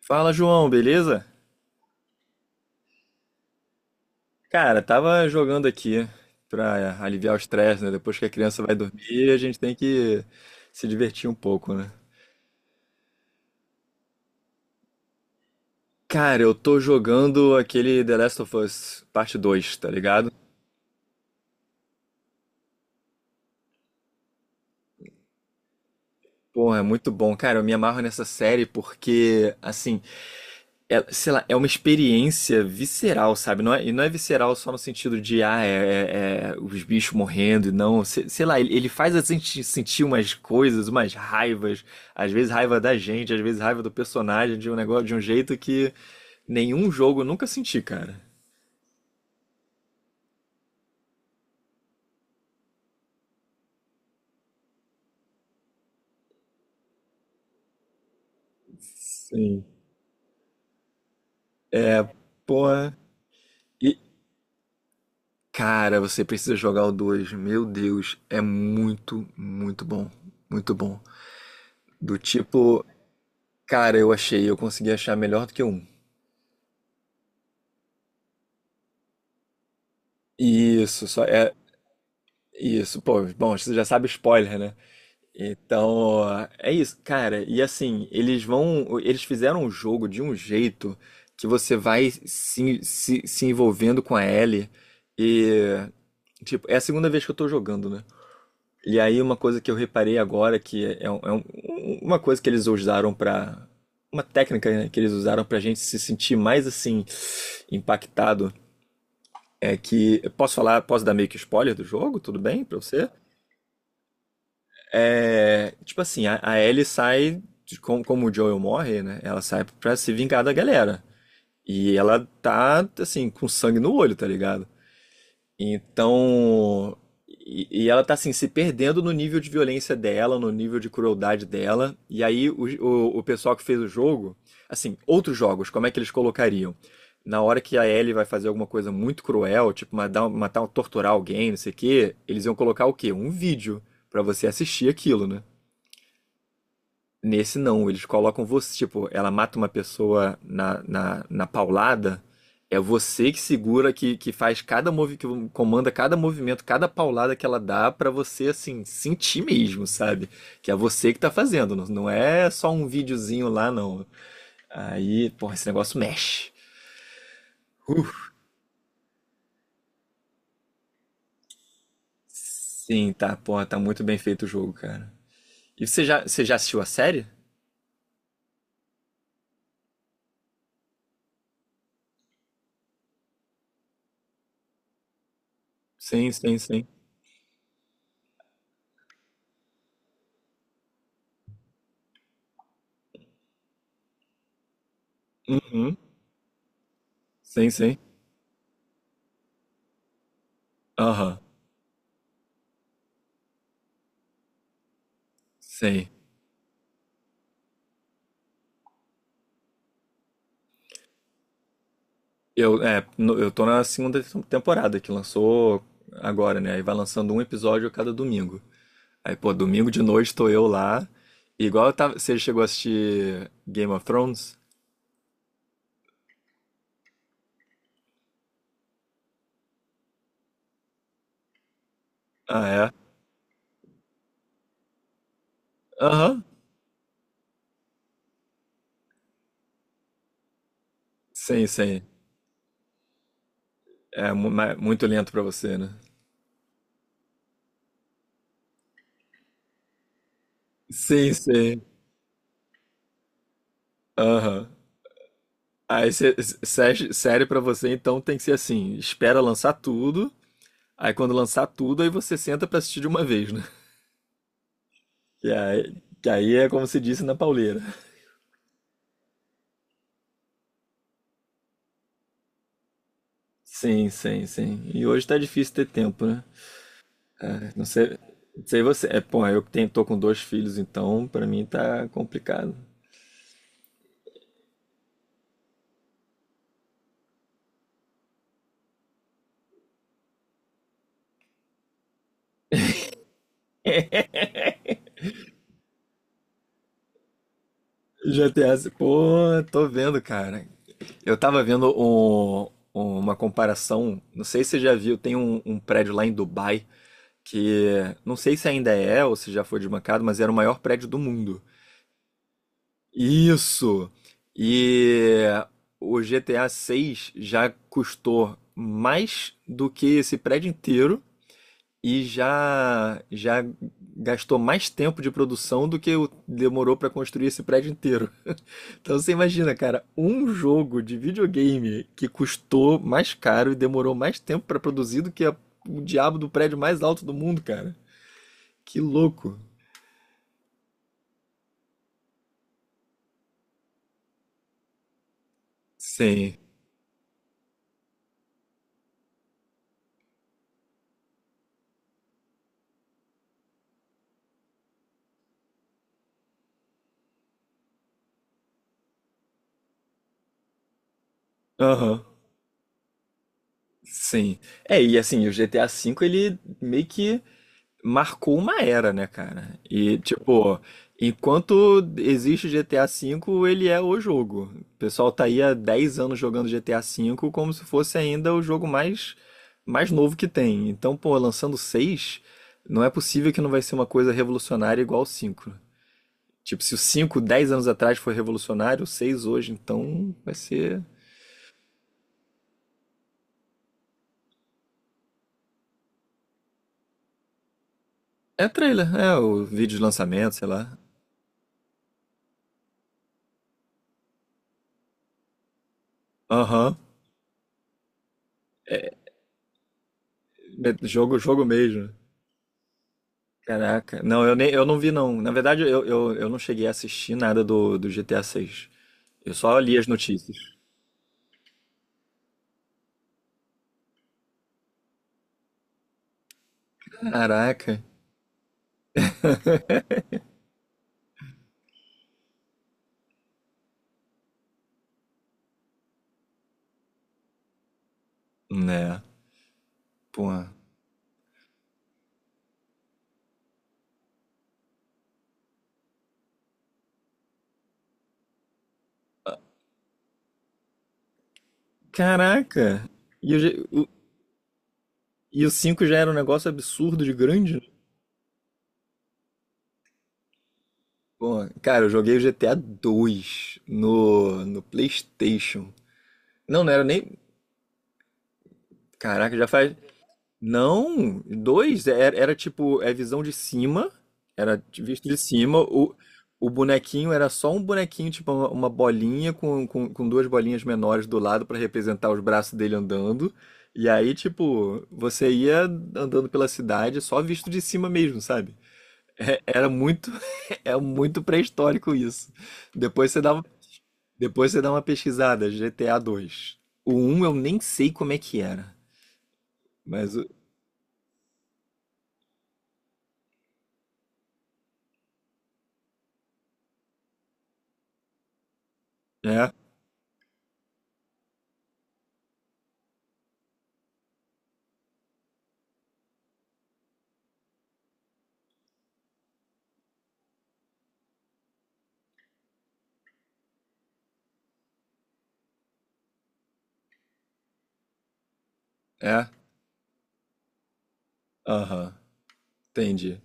Fala, João, beleza? Cara, tava jogando aqui pra aliviar o estresse, né? Depois que a criança vai dormir, a gente tem que se divertir um pouco, né? Cara, eu tô jogando aquele The Last of Us Parte Dois, tá ligado? Porra, é muito bom. Cara, eu me amarro nessa série porque, assim, sei lá, é uma experiência visceral, sabe? Não é, e não é visceral só no sentido de, ah, é os bichos morrendo e não. Sei lá, ele faz a gente sentir umas coisas, umas raivas, às vezes raiva da gente, às vezes raiva do personagem, de um negócio, de um jeito que nenhum jogo eu nunca senti, cara. Sim. Porra. E, cara, você precisa jogar o 2. Meu Deus, é muito, muito bom. Muito bom. Do tipo, cara, eu consegui achar melhor do que o um. Isso, só é isso, pô. Bom, você já sabe spoiler, né? Então, é isso, cara. E assim, eles fizeram o jogo de um jeito que você vai se envolvendo com a Ellie e tipo, é a segunda vez que eu tô jogando, né? E aí uma coisa que eu reparei agora que é uma coisa que eles usaram pra uma técnica, né, que eles usaram pra gente se sentir mais assim impactado é que. Posso dar meio que spoiler do jogo? Tudo bem pra você? É. Tipo assim, a Ellie sai. Como o Joel morre, né? Ela sai pra se vingar da galera. E ela tá, assim, com sangue no olho, tá ligado? Então, e ela tá assim, se perdendo no nível de violência dela, no nível de crueldade dela. E aí o pessoal que fez o jogo, assim, outros jogos, como é que eles colocariam? Na hora que a Ellie vai fazer alguma coisa muito cruel, tipo matar torturar alguém, não sei o quê, eles iam colocar o quê? Um vídeo pra você assistir aquilo, né? Nesse não, eles colocam você, tipo, ela mata uma pessoa na paulada, é você que segura, que faz cada movimento, que comanda cada movimento, cada paulada que ela dá pra você, assim, sentir mesmo, sabe? Que é você que tá fazendo, não, não é só um videozinho lá, não. Aí, porra, esse negócio mexe. Uh, sim, tá, porra, tá muito bem feito o jogo, cara. E você já assistiu a série? Sim, sim, sim. Uhum. Sim, sim. Aham. Sim. Eu, é, no- Eu tô na segunda temporada que lançou agora, né? Aí vai lançando um episódio a cada domingo. Aí, pô, domingo de noite tô eu lá. Igual eu tava, você chegou a assistir Game of Thrones? Ah, é? Aham. Sim, sim. É muito lento pra você, né? Sim, sim. Aham. Aí, série pra você, então tem que ser assim, espera lançar tudo, aí quando lançar tudo, aí você senta pra assistir de uma vez, né? Que aí é como se disse na pauleira. Sim, sim, sim. E hoje tá difícil ter tempo, né? É, não sei você. É, pô, tô com dois filhos, então pra mim tá complicado. GTA, pô, tô vendo, cara. Eu tava vendo uma comparação, não sei se você já viu, tem um prédio lá em Dubai que não sei se ainda é ou se já foi desbancado, mas era o maior prédio do mundo. Isso! E o GTA 6 já custou mais do que esse prédio inteiro e já gastou mais tempo de produção do que demorou para construir esse prédio inteiro. Então você imagina, cara, um jogo de videogame que custou mais caro e demorou mais tempo para produzir do que o diabo do prédio mais alto do mundo, cara. Que louco. Sim. Aham. Sim. É, e assim, o GTA V ele meio que marcou uma era, né, cara? E, tipo, enquanto existe o GTA V, ele é o jogo. O pessoal tá aí há 10 anos jogando GTA V como se fosse ainda o jogo mais novo que tem. Então, pô, lançando o 6, não é possível que não vai ser uma coisa revolucionária igual o 5. Tipo, se o 5 10 anos atrás foi revolucionário, o 6 hoje, então vai ser. É trailer, é o vídeo de lançamento, sei lá. Aham. É jogo, jogo mesmo. Caraca. Não, eu não vi, não. Na verdade, eu não cheguei a assistir nada do GTA 6. Eu só li as notícias. Caraca. Né. Pô. Caraca. E o, G- o, e o 5 já era um negócio absurdo de grande, né? Pô, cara, eu joguei o GTA 2 no PlayStation. Não, não era nem. Caraca, já faz. Não, dois, era tipo, é visão de cima, era visto de cima, o bonequinho era só um bonequinho, tipo uma bolinha com duas bolinhas menores do lado pra representar os braços dele andando, e aí, tipo, você ia andando pela cidade só visto de cima mesmo, sabe? É- era muito, é muito pré-histórico isso. Depois você dá, depois você dá uma pesquisada, GTA 2. O um eu nem sei como é que era, mas o- é, é. Aham, entendi.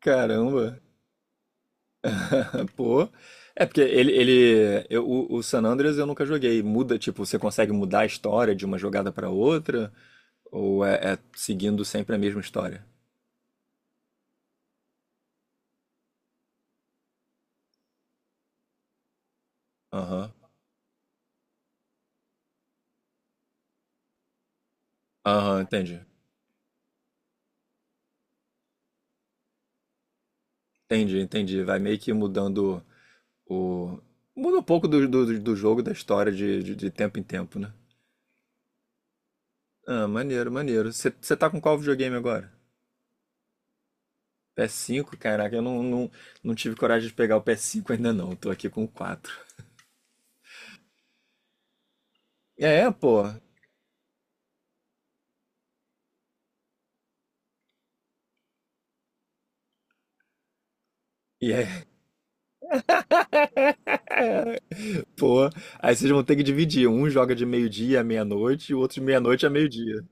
Caramba. Pô. É porque o San Andreas eu nunca joguei. Muda, tipo, você consegue mudar a história de uma jogada pra outra? Ou é seguindo sempre a mesma história? Aham. Aham, entendi. Entendi, entendi. Vai meio que mudando o. Muda um pouco do jogo, da história de tempo em tempo, né? Ah, maneiro, maneiro. Você tá com qual videogame agora? P PS5? Caraca, eu não tive coragem de pegar o PS5 ainda não. Tô aqui com o 4. É, pô. E é, pô. Aí vocês vão ter que dividir. Um joga de meio-dia à meia-noite e o outro de meia-noite a meio-dia.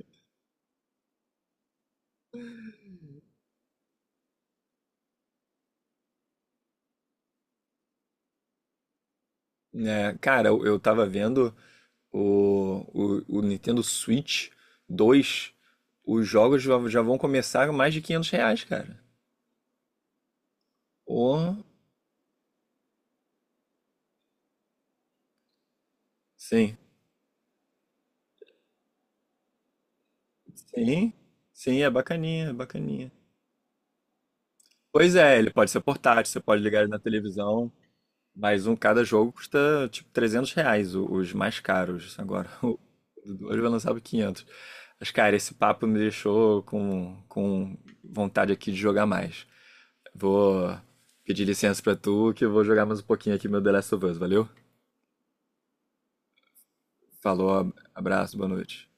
É, cara, eu tava vendo o, o Nintendo Switch dois. Os jogos já vão começar a mais de R$ 500, cara. Oh, sim. Sim. Sim, é bacaninha, é bacaninha. Pois é, ele pode ser portátil, você pode ligar ele na televisão. Mas cada jogo custa tipo R$ 300, os mais caros. Agora o do 2 vai lançar por 500. Mas, cara, esse papo me deixou com vontade aqui de jogar mais. Vou pedir licença pra tu que eu vou jogar mais um pouquinho aqui meu The Last of Us, valeu? Falou, abraço, boa noite.